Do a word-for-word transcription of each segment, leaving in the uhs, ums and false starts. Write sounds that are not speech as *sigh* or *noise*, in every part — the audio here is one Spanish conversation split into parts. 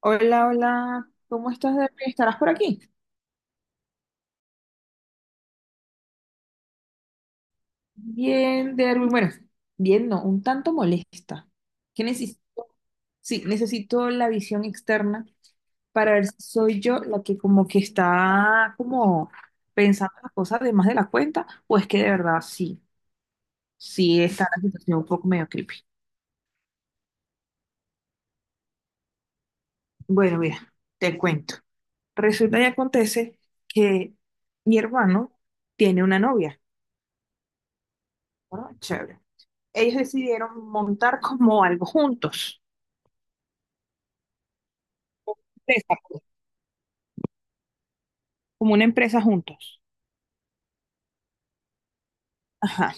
Hola, hola, ¿cómo estás, Derby? ¿Estarás por aquí? Bien, Derby. Bueno, bien, no, un tanto molesta. ¿Qué necesito? Sí, necesito la visión externa para ver si soy yo la que como que está como pensando las cosas de más de la cuenta o es que de verdad sí, sí está la situación un poco medio creepy. Bueno, mira, te cuento. Resulta y acontece que mi hermano tiene una novia, ¿no? Chévere. ellos decidieron montar como algo juntos. Empresa, como una empresa juntos. Ajá.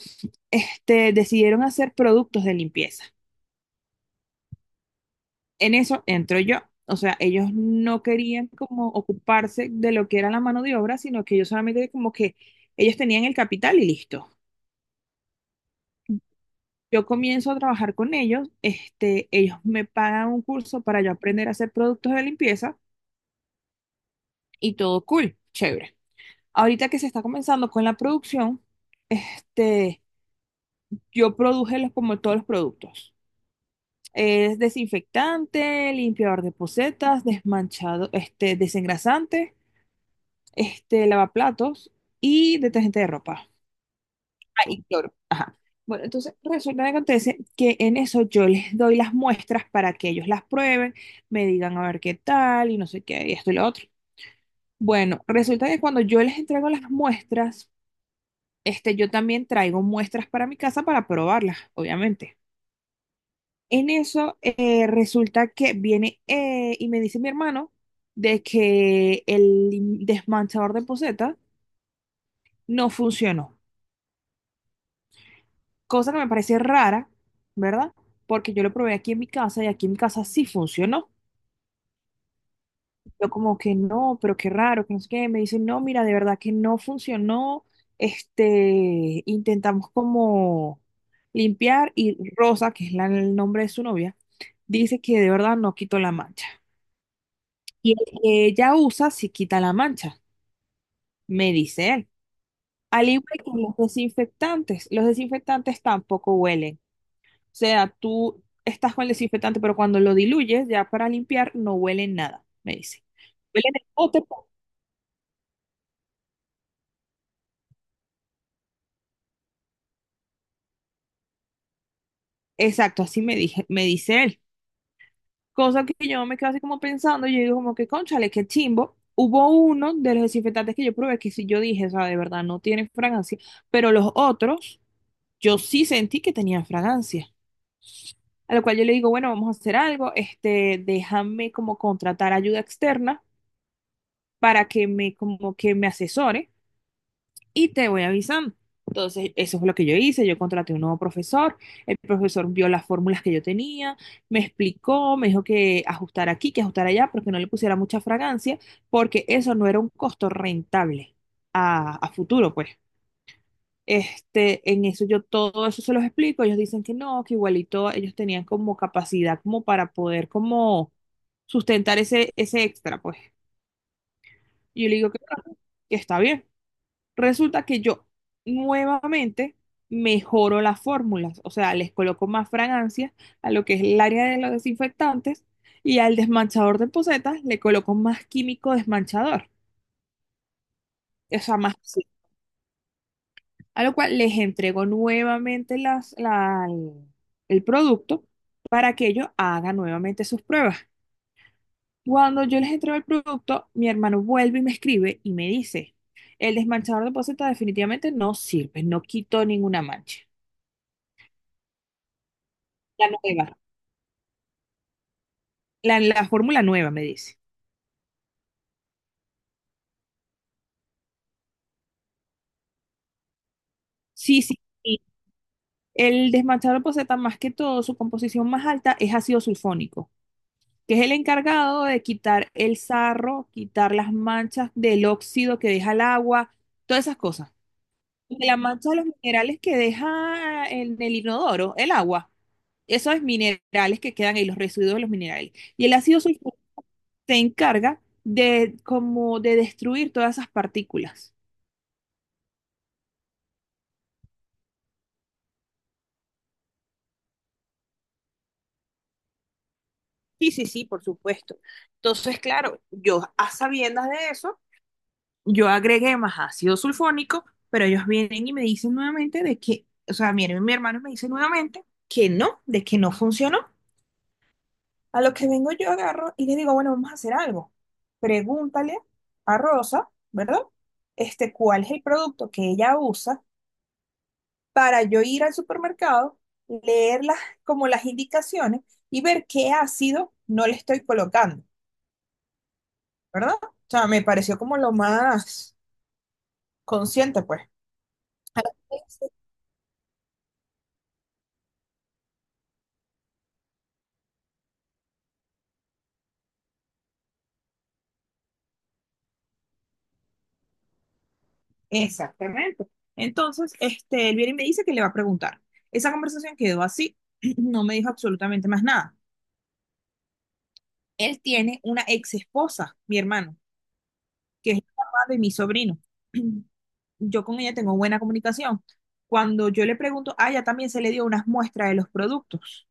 Este, decidieron hacer productos de limpieza. En eso entro yo. O sea, ellos no querían como ocuparse de lo que era la mano de obra, sino que ellos solamente como que ellos tenían el capital y listo. Yo comienzo a trabajar con ellos, este, ellos me pagan un curso para yo aprender a hacer productos de limpieza y todo cool, chévere. Ahorita que se está comenzando con la producción, este, Yo produje los- como todos los productos. Es desinfectante, limpiador de posetas, desmanchado, este, desengrasante, este, lavaplatos y detergente de ropa. Ah, y cloro. Ajá. Bueno, entonces resulta que acontece que en eso yo les doy las muestras para que ellos las prueben, me digan a ver qué tal y no sé qué, y esto y lo otro. Bueno, resulta que cuando yo les entrego las muestras, este, yo también traigo muestras para mi casa para probarlas, obviamente. En eso eh, resulta que viene eh, y me dice mi hermano de que el in- desmanchador de poseta no funcionó, cosa que me parece rara, ¿verdad? Porque yo lo probé aquí en mi casa y aquí en mi casa sí funcionó. Yo como que no, pero qué raro, que no sé qué. Me dicen, no, mira, de verdad que no funcionó. Este, intentamos como limpiar y Rosa, que es la- el nombre de su novia, dice que de verdad no quitó la mancha. Y el que ella usa si quita la mancha, me dice él. Al igual que los desinfectantes, los desinfectantes tampoco huelen. O sea, tú estás con el desinfectante, pero cuando lo diluyes ya para limpiar no huele nada, me dice. Huelen el bote. pues. Exacto, así me dije, me dice él. Cosa que yo me quedo así como pensando, yo digo como que, cónchale, qué chimbo. Hubo uno de los desinfectantes que yo probé que sí yo dije, o sea, de verdad no tienen fragancia, pero los otros yo sí sentí que tenían fragancia. A lo cual yo le digo, bueno, vamos a hacer algo, este, déjame como contratar ayuda externa para que me, como que me asesore y te voy avisando. Entonces, eso fue lo que yo hice, yo contraté un nuevo profesor, el profesor vio las fórmulas que yo tenía, me explicó, me dijo que ajustar aquí, que ajustar allá, pero que no le pusiera mucha fragancia, porque eso no era un costo rentable a, a futuro, pues. Este, en eso yo todo eso se los explico, ellos dicen que no, que igualito ellos tenían como capacidad como para poder como sustentar ese, ese extra, pues. Y yo le digo que, no, que está bien. Resulta que yo nuevamente mejoro las fórmulas, o sea, les coloco más fragancias a lo que es el área de los desinfectantes y al desmanchador de posetas le coloco más químico desmanchador, o sea, más a lo cual les entregó nuevamente las, la- el producto para que ellos hagan nuevamente sus pruebas. Cuando yo les entrego el producto, mi hermano vuelve y me escribe y me dice, el desmanchador de poceta definitivamente no sirve, no quitó ninguna mancha. La nueva, la, la fórmula nueva, me dice. Sí, sí, sí. El desmanchador de poceta, más que todo, su composición más alta es ácido sulfónico, que es el encargado de quitar el sarro, quitar las manchas del óxido que deja el agua, todas esas cosas. Porque La mancha de los minerales que deja en el inodoro, el agua, esos minerales que quedan ahí, los residuos de los minerales. Y el ácido sulfúrico se encarga de como de destruir todas esas partículas. Sí, sí, sí, por supuesto. Entonces, claro, yo a sabiendas de eso, yo agregué más ácido sulfónico, pero ellos vienen y me dicen nuevamente de que, o sea, miren, mi hermano me dice nuevamente que no, de que no funcionó. A lo que vengo yo agarro y le digo, bueno, vamos a hacer algo. Pregúntale a Rosa, ¿verdad? Este, ¿cuál es el producto que ella usa para yo ir al supermercado, leer las, como las indicaciones y ver qué ácido no le estoy colocando, ¿verdad? O sea, me pareció como lo más consciente, pues. Exactamente. Entonces, este, él viene y me dice que le va a preguntar. Esa conversación quedó así, *clears throat* no me dijo absolutamente más nada. Él tiene una ex esposa, mi hermano, que es el papá de mi sobrino. *clears throat* Yo con ella tengo buena comunicación. Cuando yo le pregunto, a ella también se le dio unas muestras de los productos.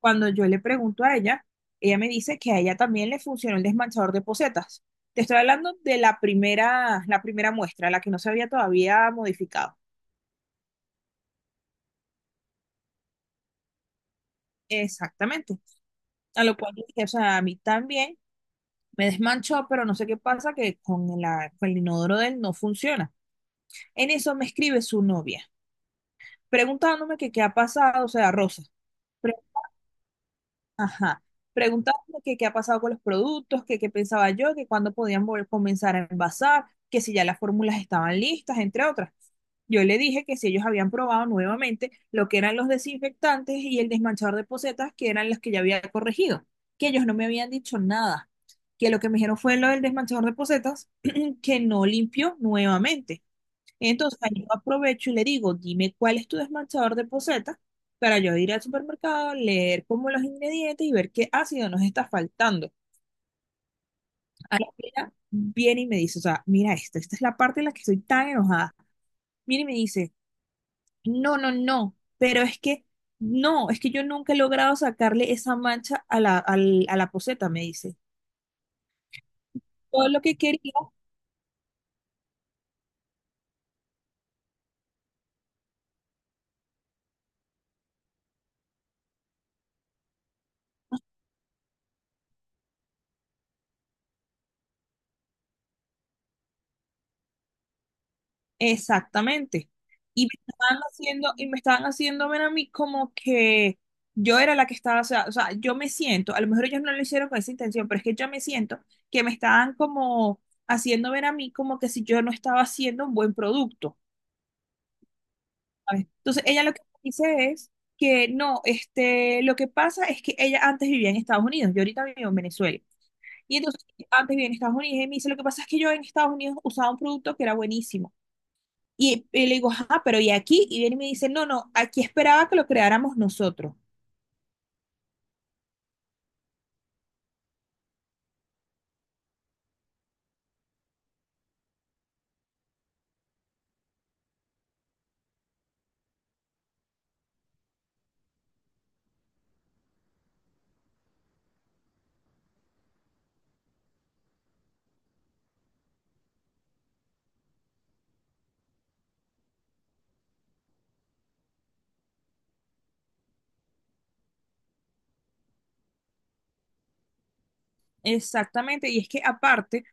Cuando yo le pregunto a ella, ella me dice que a ella también le funcionó el desmanchador de pocetas. Te estoy hablando de la primera, la primera muestra, la que no se había todavía modificado. Exactamente. A lo cual dije, o sea, a mí también me desmanchó, pero no sé qué pasa, que con, la, con el inodoro de él no funciona. En eso me escribe su novia, preguntándome que qué ha pasado, o sea, Rosa, Ajá. Preguntándome que qué ha pasado con los productos, que qué pensaba yo, que cuándo podían volver, comenzar a envasar, que si ya las fórmulas estaban listas, entre otras. Yo le dije que si ellos habían probado nuevamente lo que eran los desinfectantes y el desmanchador de pocetas, que eran los que ya había corregido, que ellos no me habían dicho nada, que lo que me dijeron fue lo del desmanchador de pocetas, *clears throat* que no limpió nuevamente. Entonces, ahí yo aprovecho y le digo, dime cuál es tu desmanchador de poceta para yo ir al supermercado, leer como los ingredientes y ver qué ácido nos está faltando. Ahí ella viene y me dice, o sea, mira esto, esta es la parte en la que estoy tan enojada. Viene y me dice, no, no, no, pero es que, no, es que yo nunca he logrado sacarle esa mancha a la, al- a la poceta, me dice. Todo lo que quería. Exactamente. Y me estaban haciendo, y me estaban haciendo ver a mí como que yo era la que estaba, o sea, o sea, yo me siento, a lo mejor ellos no lo hicieron con esa intención, pero es que yo me siento que me estaban como haciendo ver a mí como que si yo no estaba haciendo un buen producto. ¿Sabes? Entonces, ella lo que dice es que no, este, lo que pasa es que ella antes vivía en Estados Unidos, yo ahorita vivo en Venezuela. Y entonces, antes vivía en Estados Unidos y me dice, lo que pasa es que yo en Estados Unidos usaba un producto que era buenísimo y, y le digo, ajá, pero ¿y aquí? Y viene y me dice, no, no, aquí esperaba que lo creáramos nosotros. Exactamente, y es que aparte,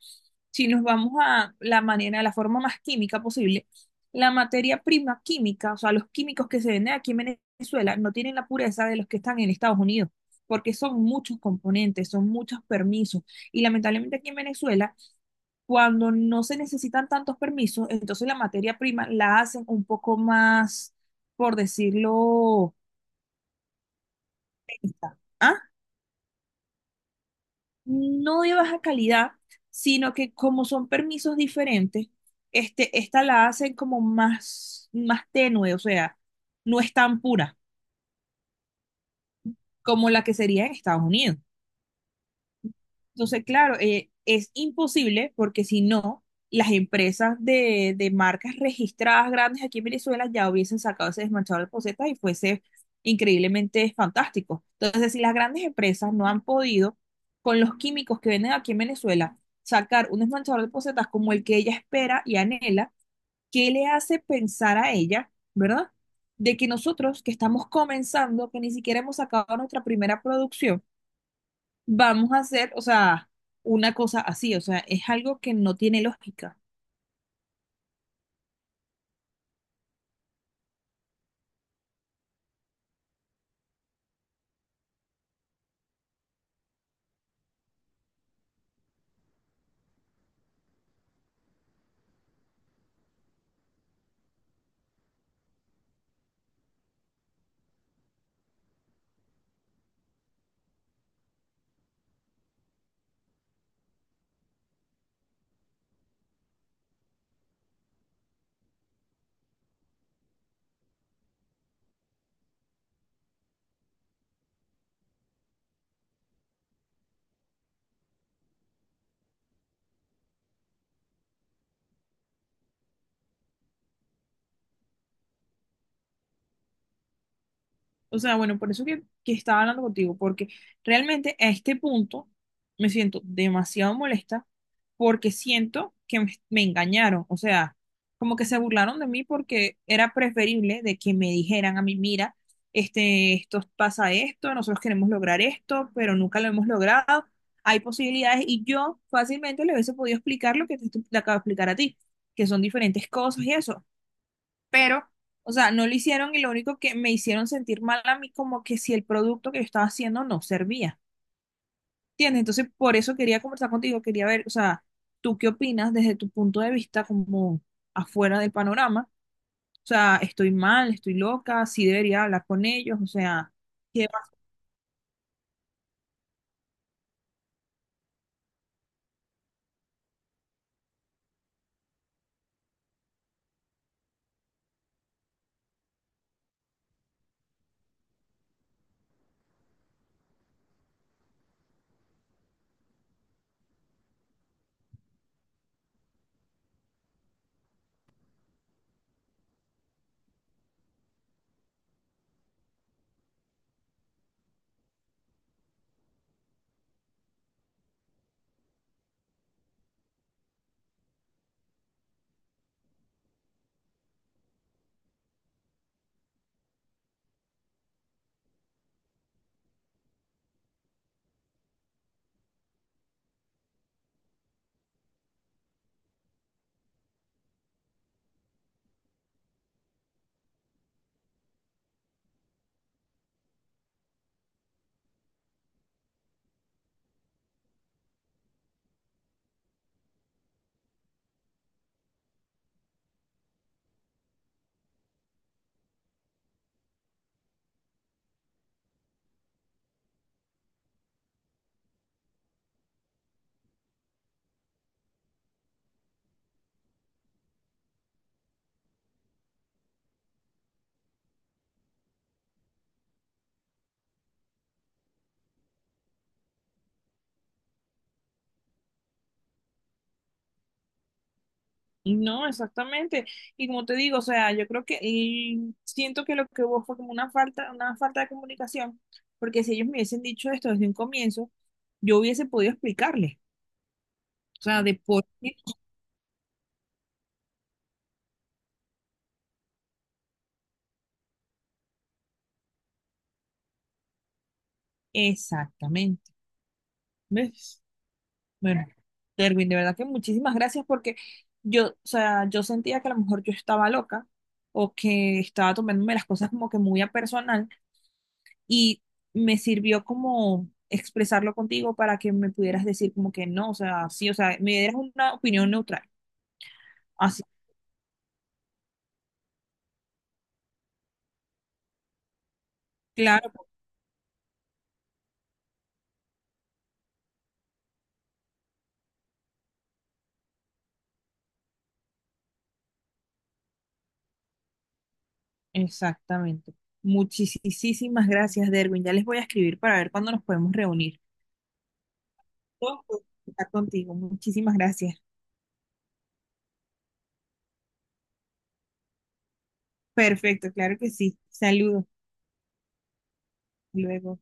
si nos vamos a la manera, a la forma más química posible, la materia prima química, o sea, los químicos que se venden aquí en Venezuela no tienen la pureza de los que están en Estados Unidos, porque son muchos componentes, son muchos permisos. Y lamentablemente aquí en Venezuela, cuando no se necesitan tantos permisos, entonces la materia prima la hacen un poco más, por decirlo, está, ¿ah? No de baja calidad, sino que como son permisos diferentes, este, esta la hacen como más, más tenue, o sea, no es tan pura como la que sería en Estados Unidos. Entonces, claro, eh, es imposible porque si no, las empresas de, de marcas registradas grandes aquí en Venezuela ya hubiesen sacado ese desmanchado de posetas y fuese increíblemente fantástico. Entonces, si las grandes empresas no han podido, con los químicos que venden aquí en Venezuela, sacar un desmanchador de posetas como el que ella espera y anhela, ¿qué le hace pensar a ella, verdad? De que nosotros que estamos comenzando, que ni siquiera hemos sacado nuestra primera producción, vamos a hacer, o sea, una cosa así, o sea, es algo que no tiene lógica. O sea, bueno, por eso que, que estaba hablando contigo, porque realmente a este punto me siento demasiado molesta porque siento que me, me engañaron. O sea, como que se burlaron de mí porque era preferible de que me dijeran a mí, mira, este, esto pasa esto, nosotros queremos lograr esto, pero nunca lo hemos logrado. Hay posibilidades y yo fácilmente le hubiese podido explicar lo que te, estoy- te acabo de explicar a ti, que son diferentes cosas y eso pero, o sea, no lo hicieron y lo único que me hicieron sentir mal a mí como que si el producto que yo estaba haciendo no servía, ¿entiendes? Entonces, por eso quería conversar contigo, quería ver, o sea, ¿tú qué opinas desde tu punto de vista como afuera del panorama? O sea, estoy mal, estoy loca, sí debería hablar con ellos, o sea, ¿qué va? No, exactamente. Y como te digo, o sea, yo creo que y siento que lo que hubo fue como una falta, una falta de comunicación, porque si ellos me hubiesen dicho esto desde un comienzo, yo hubiese podido explicarles. O sea, de por qué exactamente. ¿Ves? Bueno, Derwin, de verdad que muchísimas gracias porque yo, o sea, yo sentía que a lo mejor yo estaba loca o que estaba tomándome las cosas como que muy a personal y me sirvió como expresarlo contigo para que me pudieras decir como que no, o sea, sí, o sea, me dieras una opinión neutral. Así, claro, exactamente. Muchísimas gracias, Derwin. Ya les voy a escribir para ver cuándo nos podemos reunir. Todo por estar contigo. Muchísimas gracias. Perfecto, claro que sí. Saludos. Luego.